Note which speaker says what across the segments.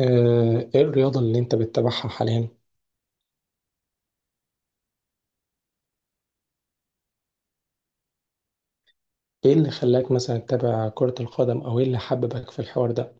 Speaker 1: ايه الرياضة اللي انت بتتابعها حاليا؟ ايه اللي خلاك مثلا تتابع كرة القدم او ايه اللي حببك في الحوار ده؟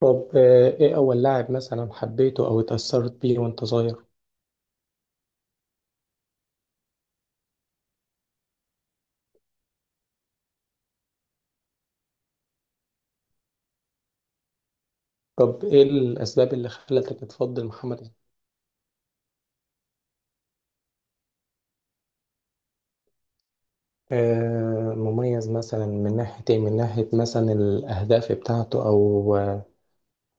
Speaker 1: طب ايه اول لاعب مثلا حبيته او اتأثرت بيه وانت صغير؟ طب ايه الاسباب اللي خلتك تفضل محمد مميز مثلا من ناحية ايه؟ من ناحية مثلا الاهداف بتاعته او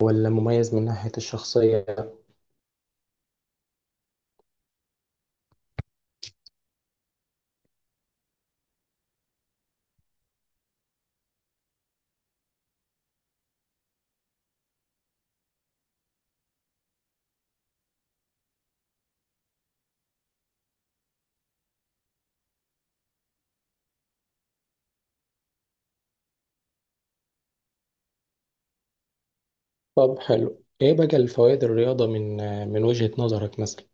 Speaker 1: ولا مميز من ناحية الشخصية؟ طب حلو ايه بقى الفوائد الرياضة من من وجهة نظرك مثلا؟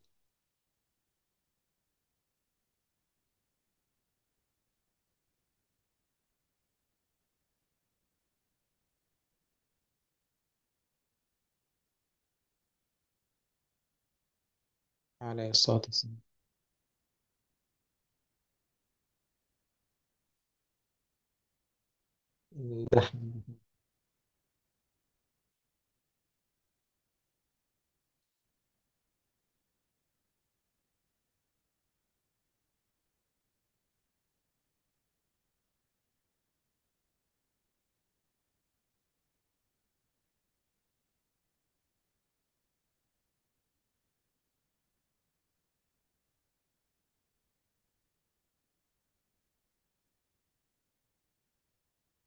Speaker 1: عليه الصلاة والسلام.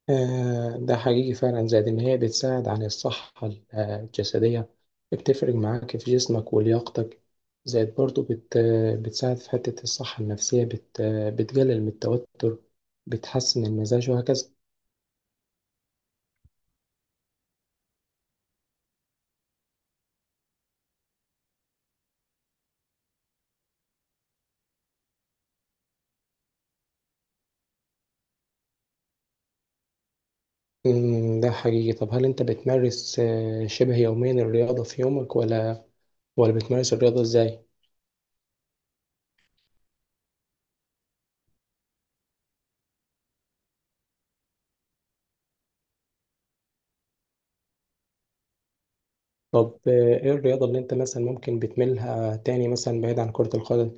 Speaker 1: ده حقيقي فعلا زائد إن هي بتساعد على الصحة الجسدية، بتفرق معاك في جسمك ولياقتك. زائد برضو بت آه، بتساعد في حتة الصحة النفسية، بت آه، بتقلل من التوتر، بتحسن المزاج وهكذا. مم، ده حقيقي. طب هل أنت بتمارس شبه يوميا الرياضة في يومك، ولا بتمارس الرياضة إزاي؟ طب إيه الرياضة اللي أنت مثلا ممكن بتميلها تاني مثلا بعيد عن كرة القدم؟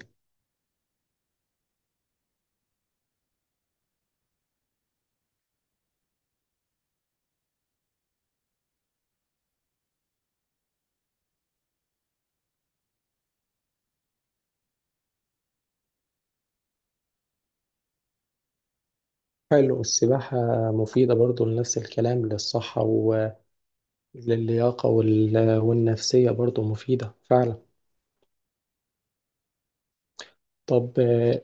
Speaker 1: حلو السباحة، مفيدة برضو لنفس الكلام، للصحة و للياقة والنفسية برضو مفيدة فعلا. طب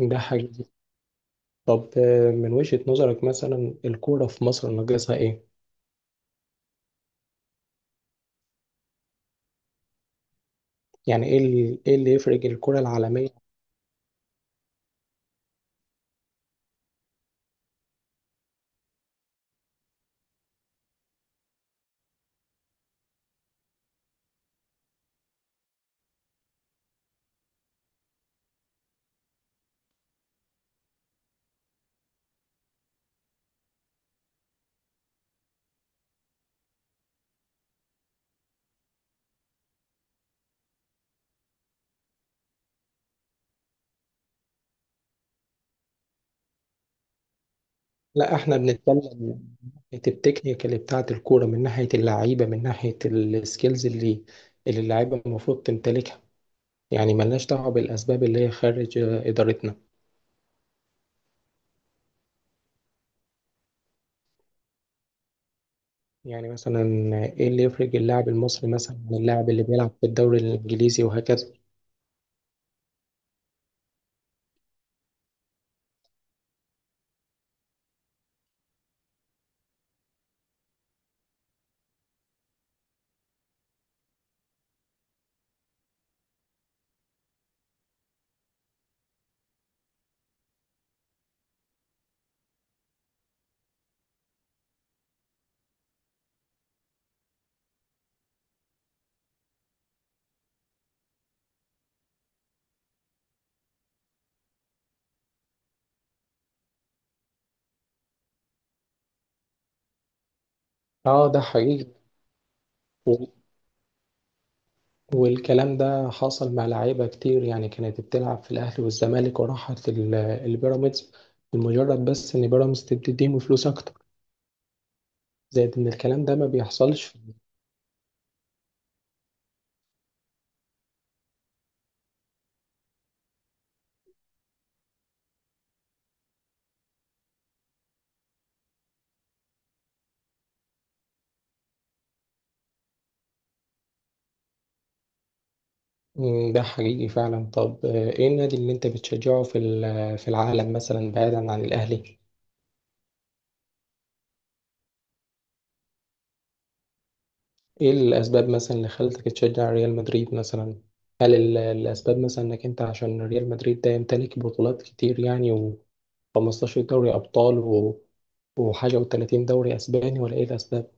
Speaker 1: ده حقيقي. طب من وجهة نظرك مثلا الكورة في مصر ناقصها ايه؟ يعني ايه ايه اللي يفرق الكورة العالمية؟ لا احنا بنتكلم من ناحية التكنيك اللي بتاعت الكورة، من ناحية اللعيبة، من ناحية السكيلز اللي اللعيبة المفروض تمتلكها، يعني ملناش دعوة بالأسباب اللي هي خارج إدارتنا. يعني مثلا ايه اللي يفرق اللاعب المصري مثلا من اللاعب اللي بيلعب في الدوري الإنجليزي وهكذا؟ اه ده حقيقي. وال- والكلام ده حصل مع لعيبة كتير يعني، كانت بتلعب في الأهلي والزمالك وراحت البيراميدز لمجرد بس إن بيراميدز تديهم فلوس أكتر، زائد إن الكلام ده ما بيحصلش. مم، ده حقيقي فعلا. طب إيه النادي اللي أنت بتشجعه في في العالم مثلا بعيدا عن الأهلي؟ إيه الأسباب مثلا اللي خلتك تشجع ريال مدريد مثلا؟ هل الأسباب مثلا إنك أنت عشان ريال مدريد ده يمتلك بطولات كتير، يعني 15 دوري أبطال و... وحاجة و30 دوري أسباني، ولا إيه الأسباب؟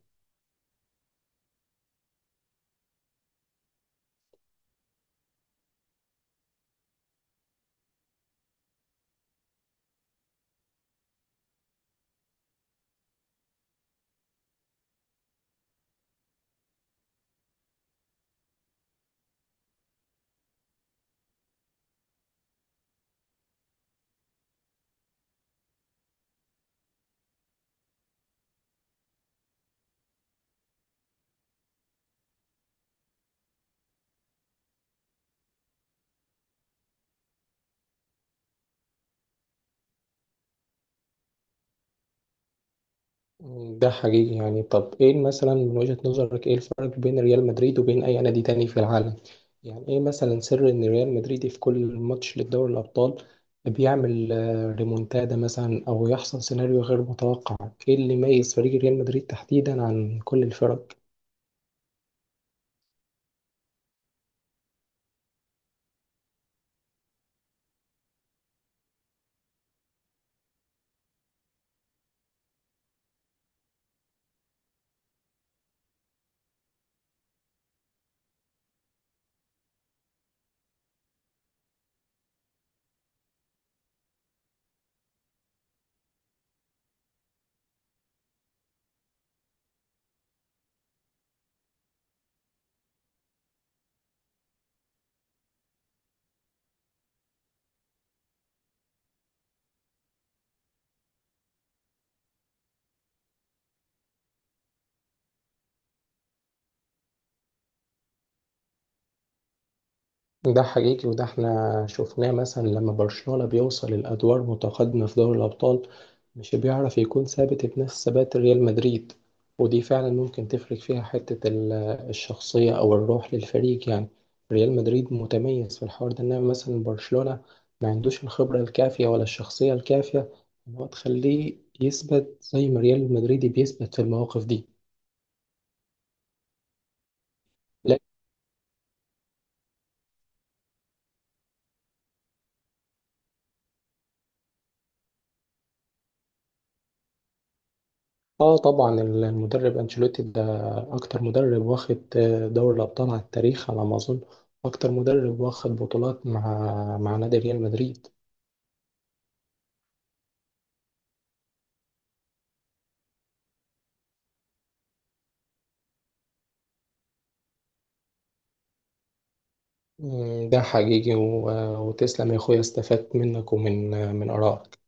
Speaker 1: ده حقيقي يعني. طب إيه مثلا من وجهة نظرك إيه الفرق بين ريال مدريد وبين أي نادي تاني في العالم؟ يعني إيه مثلا سر إن ريال مدريد في كل ماتش لدوري الأبطال بيعمل ريمونتادا مثلا أو يحصل سيناريو غير متوقع؟ إيه اللي يميز فريق ريال مدريد تحديدا عن كل الفرق؟ ده حقيقي. وده احنا شفناه مثلا لما برشلونة بيوصل الأدوار متقدمة في دوري الأبطال، مش بيعرف يكون ثابت بنفس ثبات ريال مدريد، ودي فعلا ممكن تفرق فيها حتة الشخصية أو الروح للفريق يعني. ريال مدريد متميز في الحوار ده، إنما مثلا برشلونة ما عندوش الخبرة الكافية ولا الشخصية الكافية إن هو تخليه يثبت زي ما ريال مدريد بيثبت في المواقف دي. اه طبعا المدرب انشيلوتي ده اكتر مدرب واخد دوري الابطال على التاريخ على ما اظن، اكتر مدرب واخد بطولات مع نادي ريال مدريد. مم، ده حقيقي. وتسلم يا اخويا، استفدت منك ومن من ارائك.